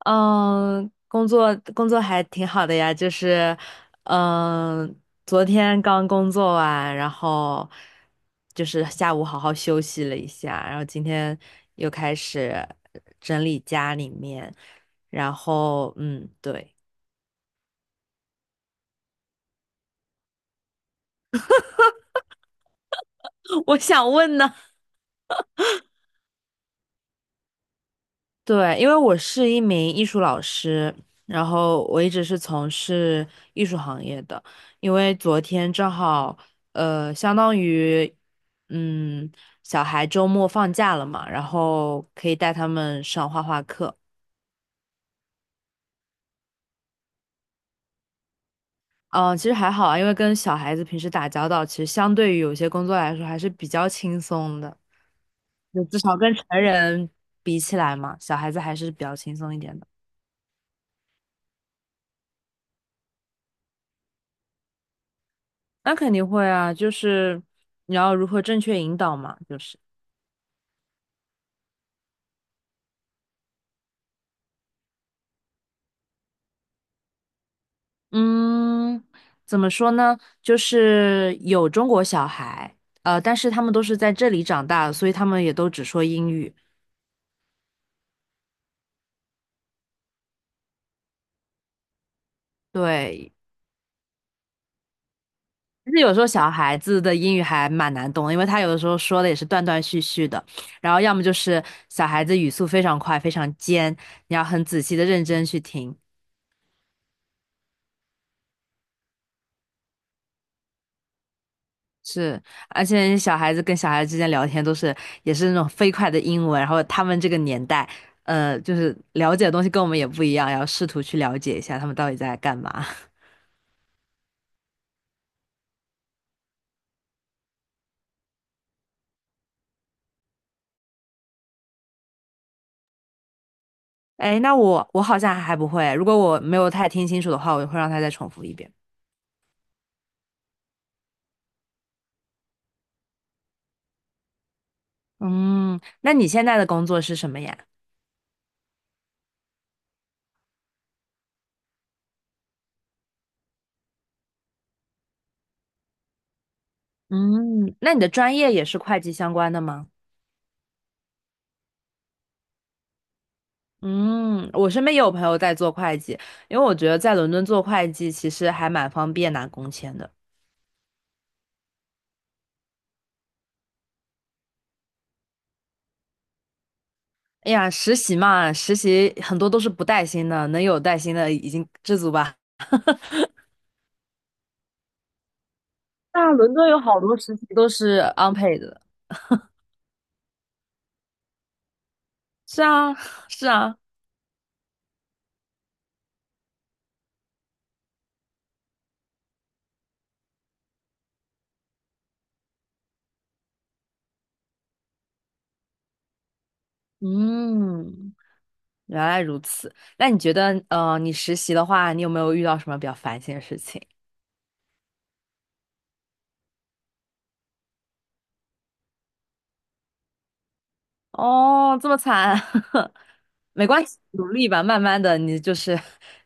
嗯，工作还挺好的呀，就是，嗯，昨天刚工作完，然后就是下午好好休息了一下，然后今天又开始整理家里面，然后嗯，对，我想问呢，对，因为我是一名艺术老师，然后我一直是从事艺术行业的。因为昨天正好，相当于，嗯，小孩周末放假了嘛，然后可以带他们上画画课。嗯，其实还好啊，因为跟小孩子平时打交道，其实相对于有些工作来说还是比较轻松的，就至少跟成人比起来嘛，小孩子还是比较轻松一点的。那肯定会啊，就是你要如何正确引导嘛，就是，嗯，怎么说呢？就是有中国小孩，但是他们都是在这里长大，所以他们也都只说英语。对，其实有时候小孩子的英语还蛮难懂的，因为他有的时候说的也是断断续续的，然后要么就是小孩子语速非常快，非常尖，你要很仔细的认真去听；是，而且小孩子跟小孩子之间聊天都是也是那种飞快的英文，然后他们这个年代，就是了解的东西跟我们也不一样，要试图去了解一下他们到底在干嘛。哎，那我好像还不会，如果我没有太听清楚的话，我会让他再重复一遍。嗯，那你现在的工作是什么呀？嗯，那你的专业也是会计相关的吗？嗯，我身边也有朋友在做会计，因为我觉得在伦敦做会计其实还蛮方便拿工签的。哎呀，实习嘛，实习很多都是不带薪的，能有带薪的已经知足吧。那伦敦有好多实习都是 unpaid 的。是啊，是啊，嗯，原来如此。那你觉得，你实习的话，你有没有遇到什么比较烦心的事情？哦，这么惨，没关系，努力吧，慢慢的，你就是，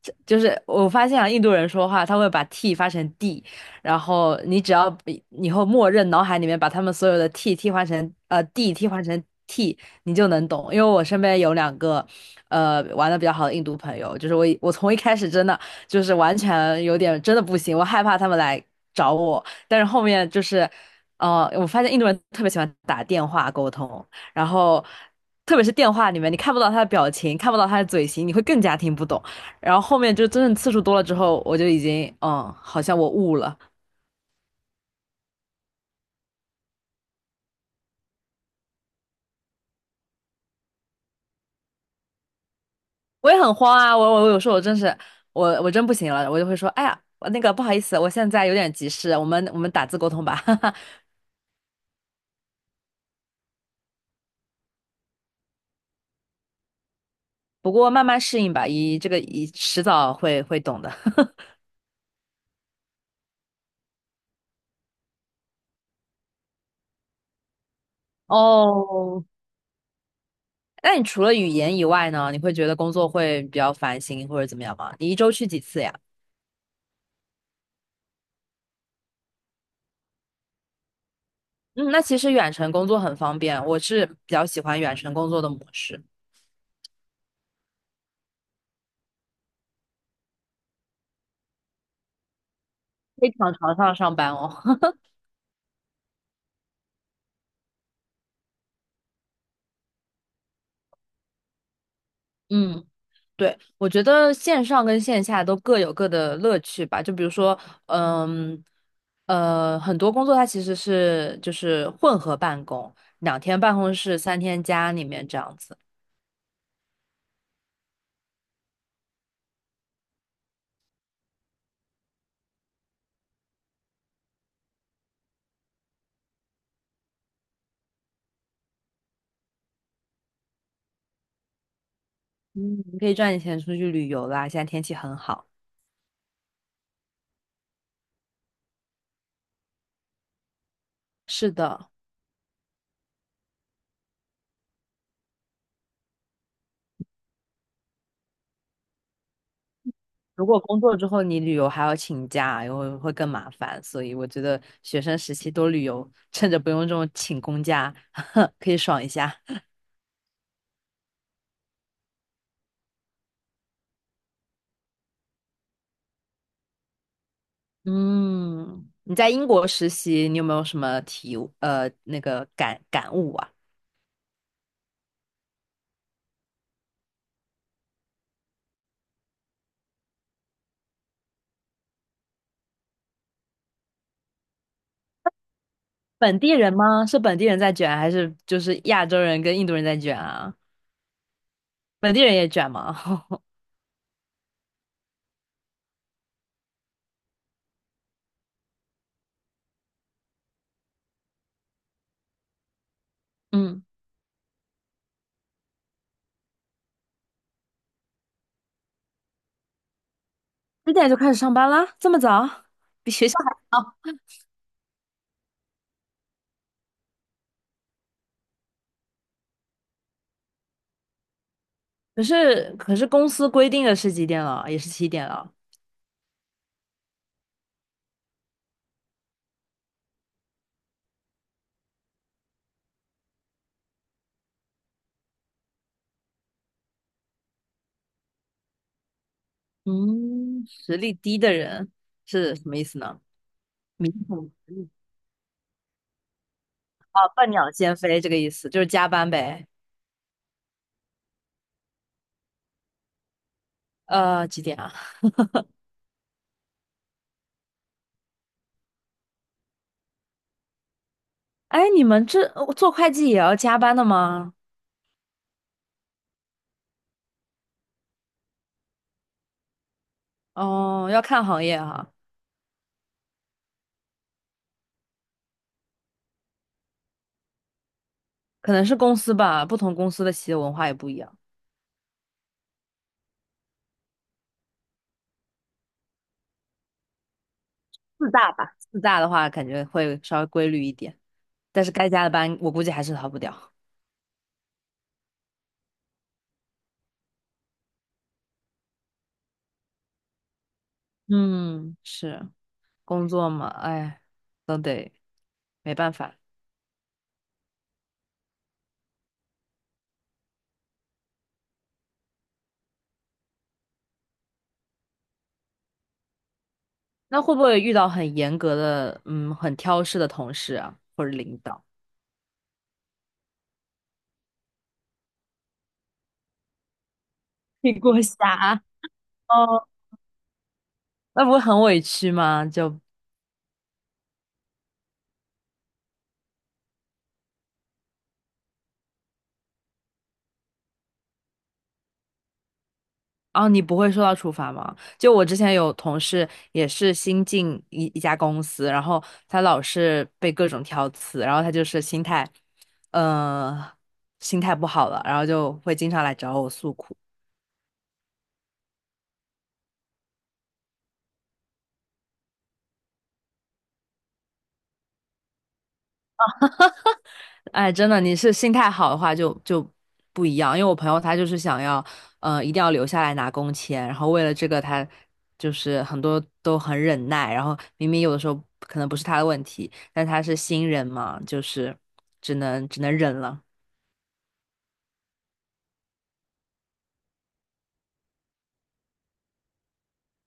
这就是我发现啊，印度人说话他会把 t 发成 d,然后你只要以后默认脑海里面把他们所有的 t 替换成d 替换成 t,你就能懂。因为我身边有两个，玩的比较好的印度朋友，就是我从一开始真的就是完全有点真的不行，我害怕他们来找我，但是后面就是，我发现印度人特别喜欢打电话沟通。然后特别是电话里面，你看不到他的表情，看不到他的嘴型，你会更加听不懂。然后后面就真正次数多了之后，我就已经好像我悟了，我也很慌啊，我有时候我真是我真不行了，我就会说，哎呀，那个不好意思，我现在有点急事，我们打字沟通吧，哈哈。不过慢慢适应吧，这个迟早会懂的。哦，那你除了语言以外呢，你会觉得工作会比较烦心或者怎么样吗？你一周去几次呀？嗯，那其实远程工作很方便，我是比较喜欢远程工作的模式，非常上班哦。嗯，对，我觉得线上跟线下都各有各的乐趣吧。就比如说，嗯，很多工作它其实就是混合办公，两天办公室，三天家里面这样子。嗯，你可以赚点钱出去旅游啦，现在天气很好。是的。如果工作之后你旅游还要请假，然后会更麻烦，所以我觉得学生时期多旅游，趁着不用这种请公假，可以爽一下。嗯，你在英国实习，你有没有什么体悟那个感悟啊？本地人吗？是本地人在卷，还是就是亚洲人跟印度人在卷啊？本地人也卷吗？嗯，几点就开始上班啦？这么早？比学校还早？可是公司规定的是几点了？也是七点了。嗯，实力低的人是什么意思呢？明桶实力啊，笨鸟先飞这个意思，就是加班呗。几点啊？哎，你们这做会计也要加班的吗？哦，要看行业哈，可能是公司吧，不同公司的企业文化也不一样。四大吧，四大的话感觉会稍微规律一点，但是该加的班我估计还是逃不掉。嗯，是工作嘛，哎，都得没办法。那会不会遇到很严格的，嗯，很挑事的同事啊，或者领导？屁股侠，哦，那不会很委屈吗？就哦，你不会受到处罚吗？就我之前有同事也是新进一家公司，然后他老是被各种挑刺，然后他就是心态，嗯，心态不好了，然后就会经常来找我诉苦。哎，真的，你是心态好的话就不一样。因为我朋友他就是想要，一定要留下来拿工签，然后为了这个他就是很多都很忍耐，然后明明有的时候可能不是他的问题，但他是新人嘛，就是只能忍了。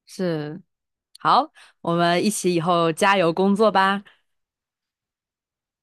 是，好，我们一起以后加油工作吧。